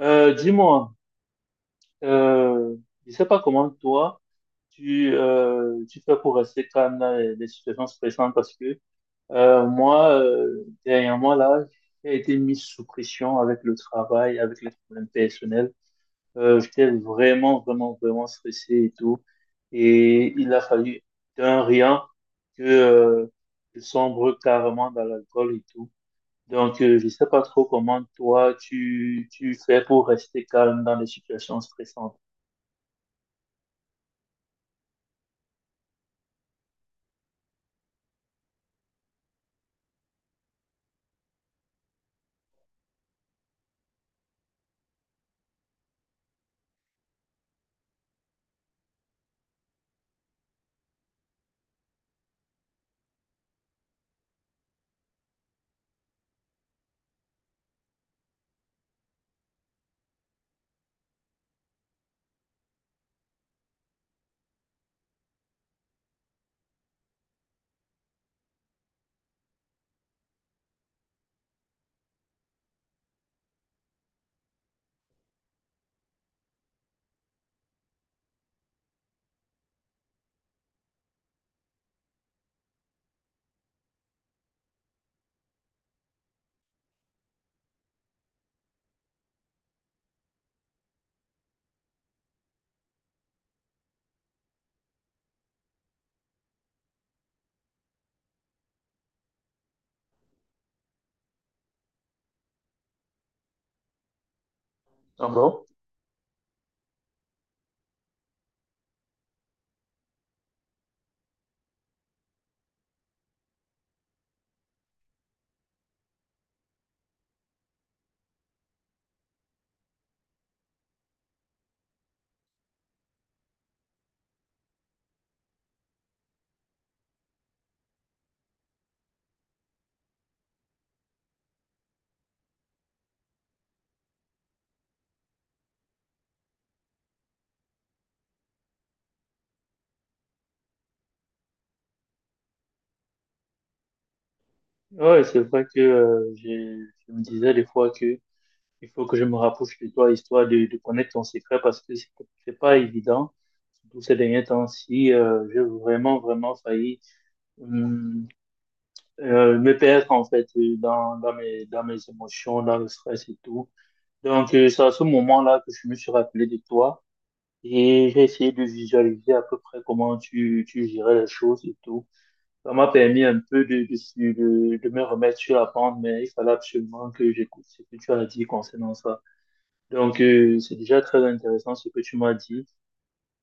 Euh, dis-moi, euh, je sais pas comment toi tu fais pour rester calme dans les situations stressantes parce que moi dernièrement là j'ai été mis sous pression avec le travail, avec les problèmes personnels. J'étais vraiment vraiment vraiment stressé et tout et il a fallu d'un rien que je sombre carrément dans l'alcool et tout. Donc, je sais pas trop comment toi tu fais pour rester calme dans les situations stressantes. Ah bon? Ouais, c'est vrai que je me disais des fois que il faut que je me rapproche de toi, histoire de connaître ton secret, parce que c'est pas évident, surtout ces derniers temps-ci, j'ai vraiment, vraiment failli hum, me perdre, en fait, dans mes émotions, dans le stress et tout. Donc, c'est à ce moment-là que je me suis rappelé de toi. Et j'ai essayé de visualiser à peu près comment tu gérais les choses et tout. Ça m'a permis un peu de me remettre sur la pente, mais il fallait absolument que j'écoute ce que tu as dit concernant ça. Donc, c'est déjà très intéressant ce que tu m'as dit.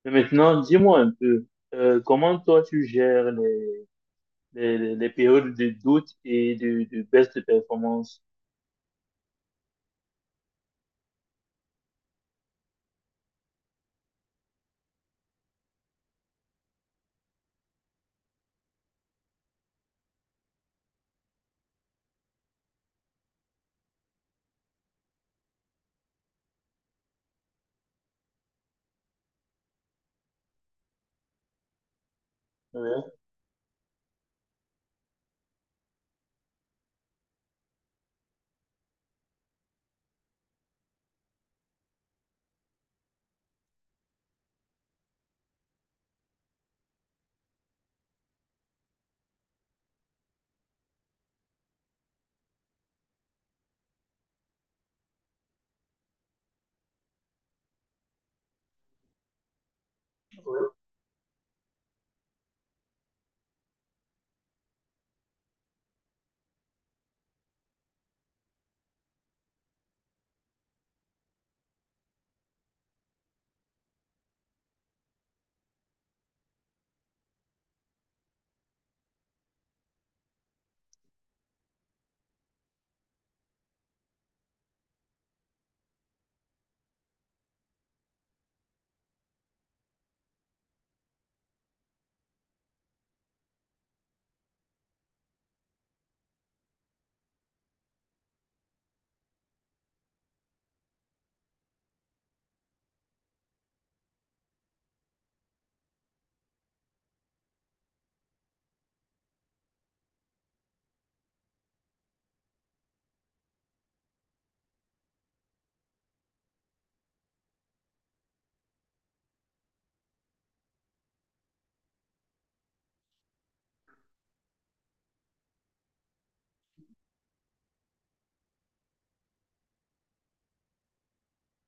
Mais maintenant, dis-moi un peu, comment toi tu gères les périodes de doute et de baisse de performance? Ouais.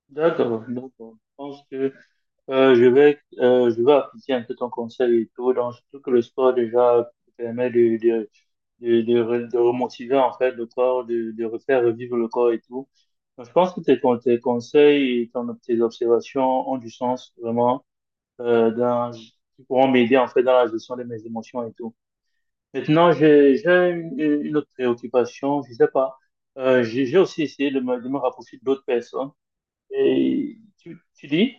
D'accord, d'accord. Je pense que je vais appliquer un peu ton conseil et tout. Donc, surtout que le sport déjà permet de remotiver en fait le corps, de refaire revivre le corps et tout. Donc, je pense que tes conseils et tes observations ont du sens vraiment, euh, dans, qui pourront m'aider en fait dans la gestion de mes émotions et tout. Maintenant, j'ai une autre préoccupation, je sais pas. J'ai aussi essayé de me rapprocher d'autres personnes. Et tu dis?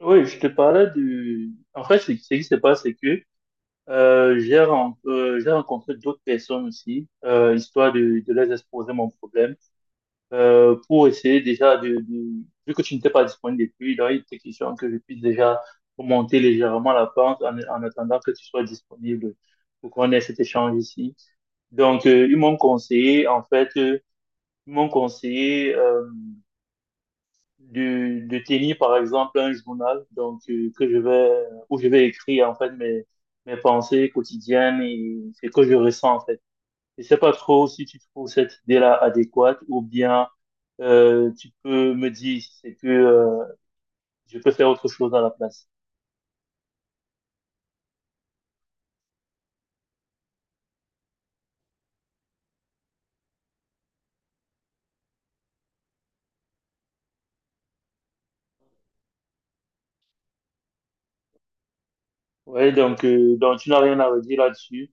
Oui, je te parlais du... En fait, ce qui se passe, c'est que j'ai rencontré d'autres personnes aussi, histoire de les exposer mon problème, pour essayer déjà de... Vu que tu n'étais pas disponible depuis, donc il était question que je puisse déjà monter légèrement la pente en attendant que tu sois disponible pour qu'on ait cet échange ici. Donc, ils m'ont conseillé, en fait, ils m'ont conseillé... De tenir par exemple un journal donc que je vais où je vais écrire en fait mes pensées quotidiennes et ce que je ressens en fait. Je sais pas trop si tu trouves cette idée-là adéquate ou bien tu peux me dire si c'est que je peux faire autre chose à la place. Ouais, donc tu n'as rien à redire là-dessus.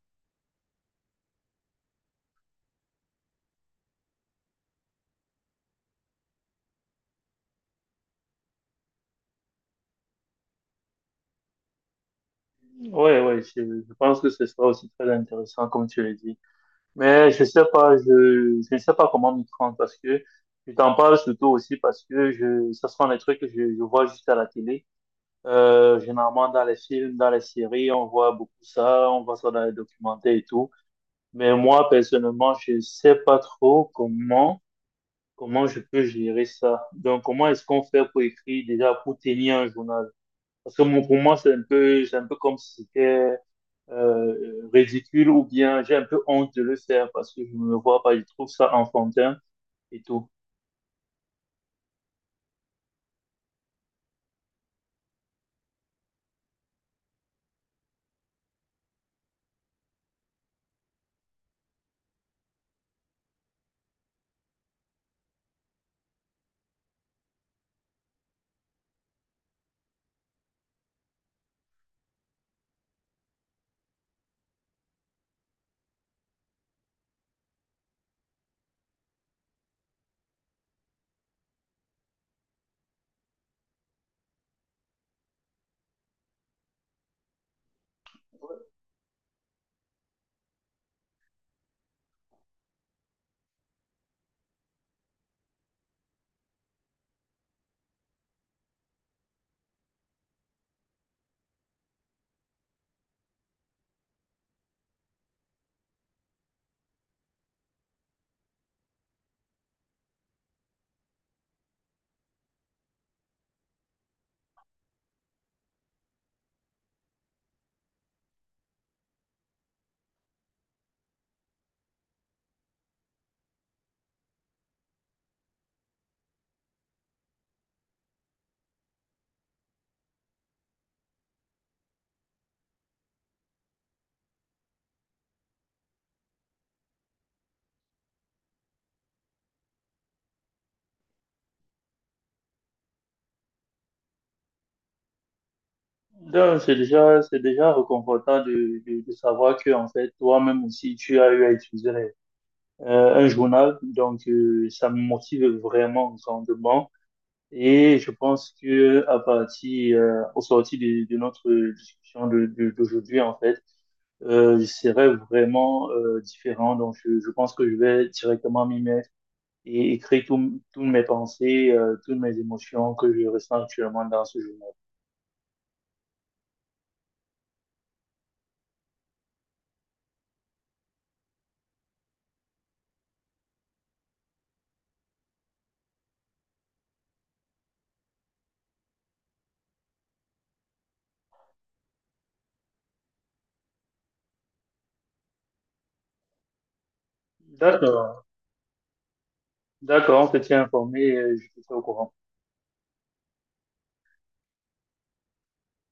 Ouais, ouais, je pense que ce sera aussi très intéressant comme tu l'as dit. Mais je sais pas, je ne sais pas comment m'y prendre parce que je t'en parle surtout aussi parce que je, ça sont des trucs que je vois juste à la télé. Généralement dans les films, dans les séries, on voit beaucoup ça, on voit ça dans les documentaires et tout. Mais moi, personnellement, je sais pas trop comment je peux gérer ça. Donc, comment est-ce qu'on fait pour écrire déjà, pour tenir un journal? Parce que pour moi, c'est un peu comme si c'était ridicule ou bien j'ai un peu honte de le faire parce que je me vois pas, je trouve ça enfantin et tout. Donc, c'est déjà réconfortant de savoir que, en fait, toi-même aussi, tu as eu à utiliser un journal. Donc, ça me motive vraiment grandement. Et je pense que à partir, au sorti de notre discussion d'aujourd'hui, en fait, je serai vraiment différent. Donc, je pense que je vais directement m'y mettre et écrit toutes mes pensées, toutes mes émotions que je ressens actuellement dans ce journal. D'accord, d'accord, on se tient informé, je te tiens au courant.